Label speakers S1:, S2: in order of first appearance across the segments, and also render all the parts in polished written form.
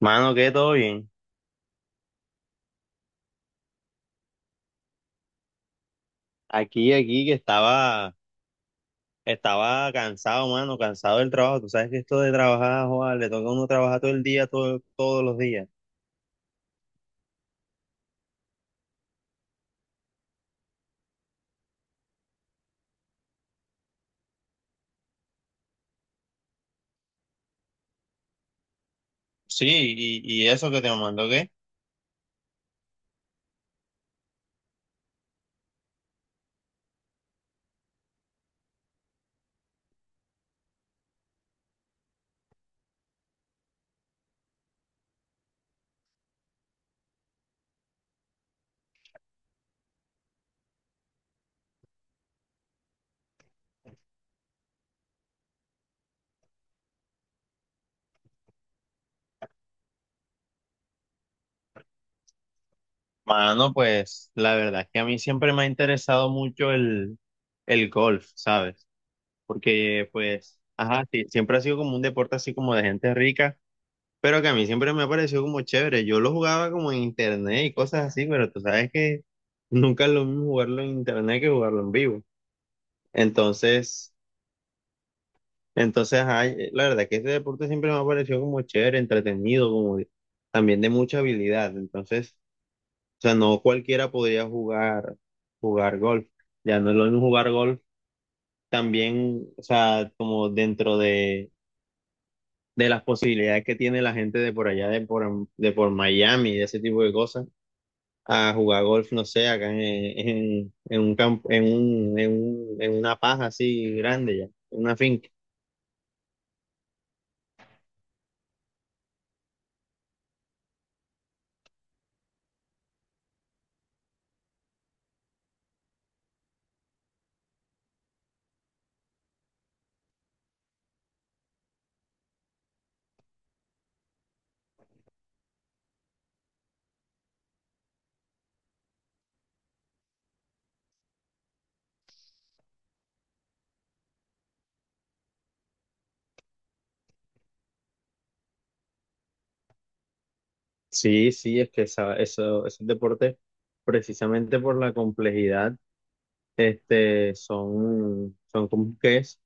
S1: Mano, que todo bien. Aquí, aquí, que estaba, estaba cansado, mano, cansado del trabajo. Tú sabes que esto de trabajar, joder, le toca a uno trabajar todo el día, todo, todos los días. Sí, y eso que te mandó, ¿qué? Mano, pues la verdad es que a mí siempre me ha interesado mucho el golf, ¿sabes? Porque, pues, ajá, sí, siempre ha sido como un deporte así como de gente rica. Pero que a mí siempre me ha parecido como chévere. Yo lo jugaba como en internet y cosas así, pero tú sabes que nunca es lo mismo jugarlo en internet que jugarlo en vivo. Entonces, la verdad que este deporte siempre me ha parecido como chévere, entretenido, también de mucha habilidad. Entonces, o sea, no cualquiera podría jugar, jugar golf. Ya no es lo mismo jugar golf también, o sea, como dentro de las posibilidades que tiene la gente de por allá, de por Miami, de ese tipo de cosas a jugar golf, no sé, acá en un campo, en una paja así grande ya, en una finca. Sí, sí, es que esos deportes, precisamente por la complejidad, este, son, son como que es,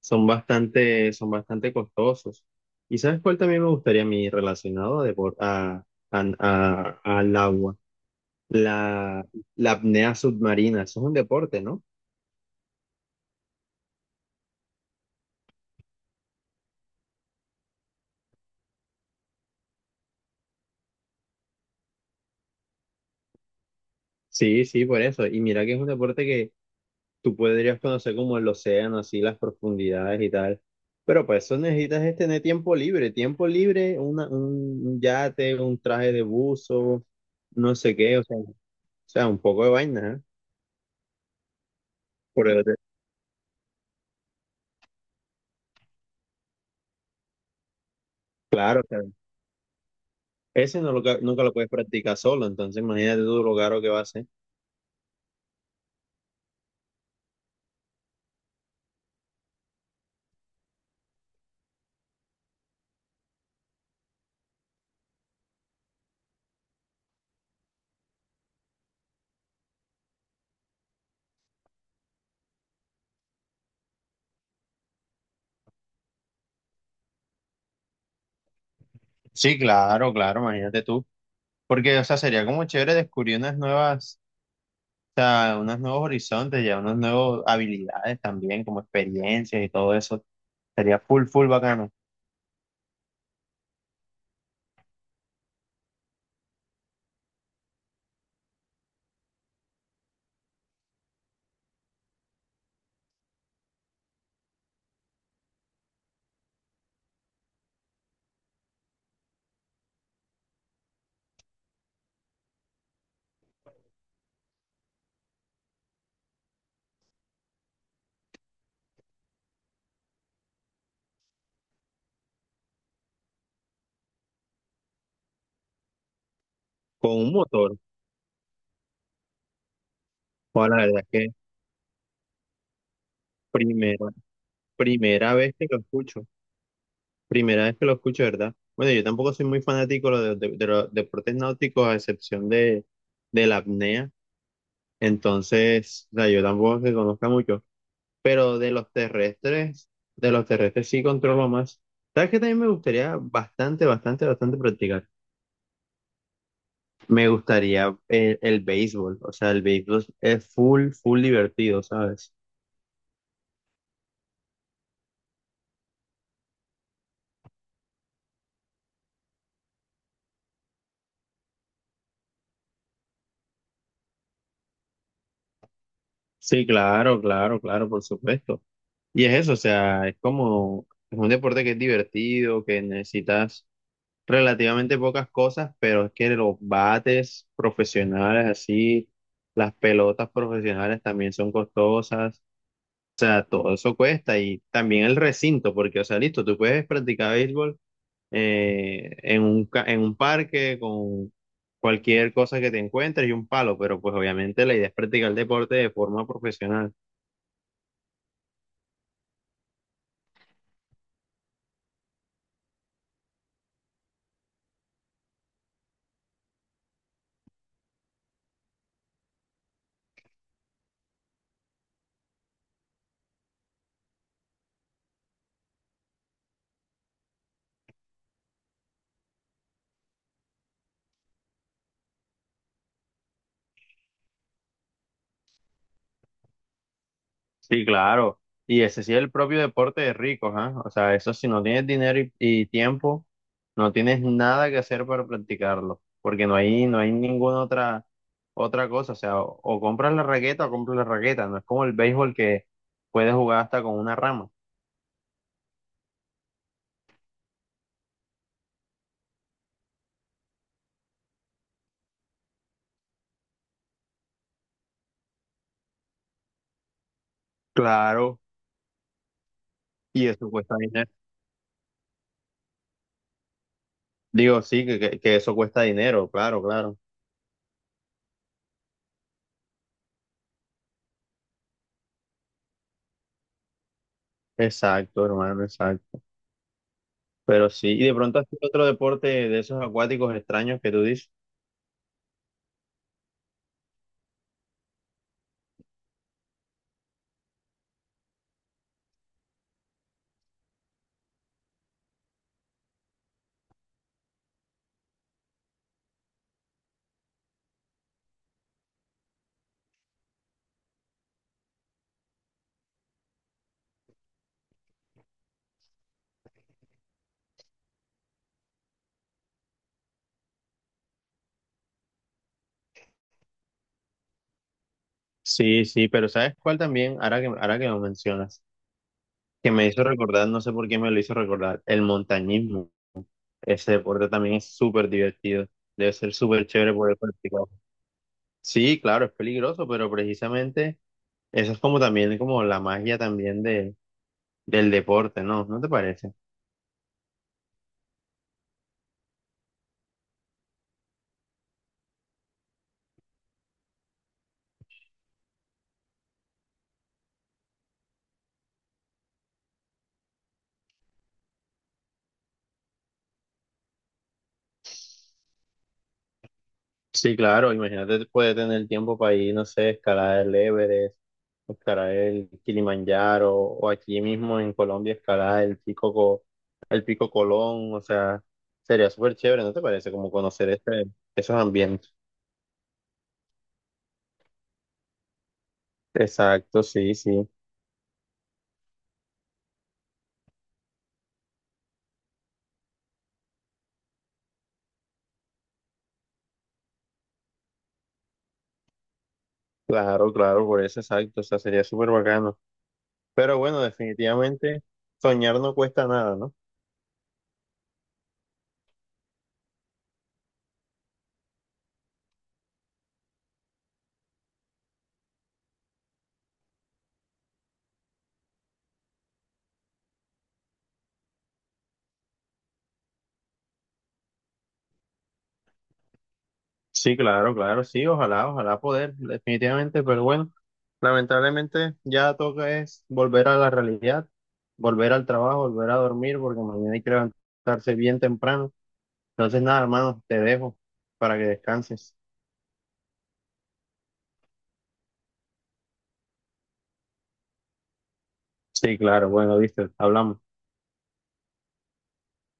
S1: son bastante costosos. ¿Y sabes cuál también me gustaría a mí relacionado a, depor- a- al agua? La, la apnea submarina, eso es un deporte, ¿no? Sí, sí, por eso. Y mira que es un deporte tú podrías conocer como el océano, así las profundidades y tal. Pero para eso necesitas es tener tiempo libre, una, un yate, un traje de buzo, no sé qué, o sea, un poco de vaina, ¿eh? Por el- claro, o sea, ese no lo, ca- nunca lo puedes practicar solo, entonces imagínate tú lo caro que va a ser. Sí, claro, claro, imagínate tú. Porque, o sea, sería como chévere descubrir unas nuevas, o sea, unos nuevos horizontes, ya unas nuevas habilidades también, como experiencias y todo eso. Sería full, full bacano. Con un motor. O la verdad es que primera, primera vez que lo escucho. Primera vez que lo escucho, ¿verdad? Bueno, yo tampoco soy muy fanático de los deportes náuticos, a excepción de la apnea. Entonces, o sea, yo tampoco se conozca mucho. Pero de los terrestres sí controlo más. ¿Sabes qué también me gustaría bastante, bastante, bastante practicar? Me gustaría el béisbol. O sea, el béisbol es full, full divertido, ¿sabes? Sí, claro, claro, claro, por supuesto. Y es eso, o sea, es como, es un deporte que es divertido, que necesitas relativamente pocas cosas, pero es que los bates profesionales así, las pelotas profesionales también son costosas, o sea, todo eso cuesta y también el recinto, porque, o sea, listo, tú puedes practicar béisbol en un parque con cualquier cosa que te encuentres y un palo, pero pues obviamente la idea es practicar el deporte de forma profesional. Sí, claro. Y ese sí es el propio deporte de ricos, ¿ah? O sea, eso si no tienes dinero y tiempo, no tienes nada que hacer para practicarlo, porque no hay ninguna otra, otra cosa. O sea, o compras la raqueta o compras la raqueta. No es como el béisbol que puedes jugar hasta con una rama. Claro, y eso cuesta dinero. Digo, sí, que eso cuesta dinero, claro, claro. Exacto, hermano, exacto. Pero sí, y de pronto has hecho otro deporte de esos acuáticos extraños que tú dices. Sí, sí, pero ¿sabes cuál también? Ahora que lo mencionas, que me hizo recordar, no sé por qué me lo hizo recordar, el montañismo. Ese deporte también es súper divertido. Debe ser súper chévere poder practicar. Sí, claro, es peligroso, pero precisamente eso es como también como la magia también de, del deporte, ¿no? ¿No te parece? Sí, claro, imagínate, puede tener tiempo para ir, no sé, escalar el Everest, o escalar el Kilimanjaro, o aquí mismo en Colombia escalar el Pico Colón, o sea, sería súper chévere, ¿no te parece? Como conocer esos ambientes. Exacto, sí, sí, claro, claro, por eso, exacto, o sea, sería súper bacano. Pero bueno, definitivamente soñar no cuesta nada, ¿no? Sí, claro, claro, sí, ojalá, ojalá poder, definitivamente, pero bueno, lamentablemente ya toca es volver a la realidad, volver al trabajo, volver a dormir, porque mañana hay que levantarse bien temprano. Entonces, nada, hermano, te dejo para que descanses. Sí, claro, bueno, viste, hablamos.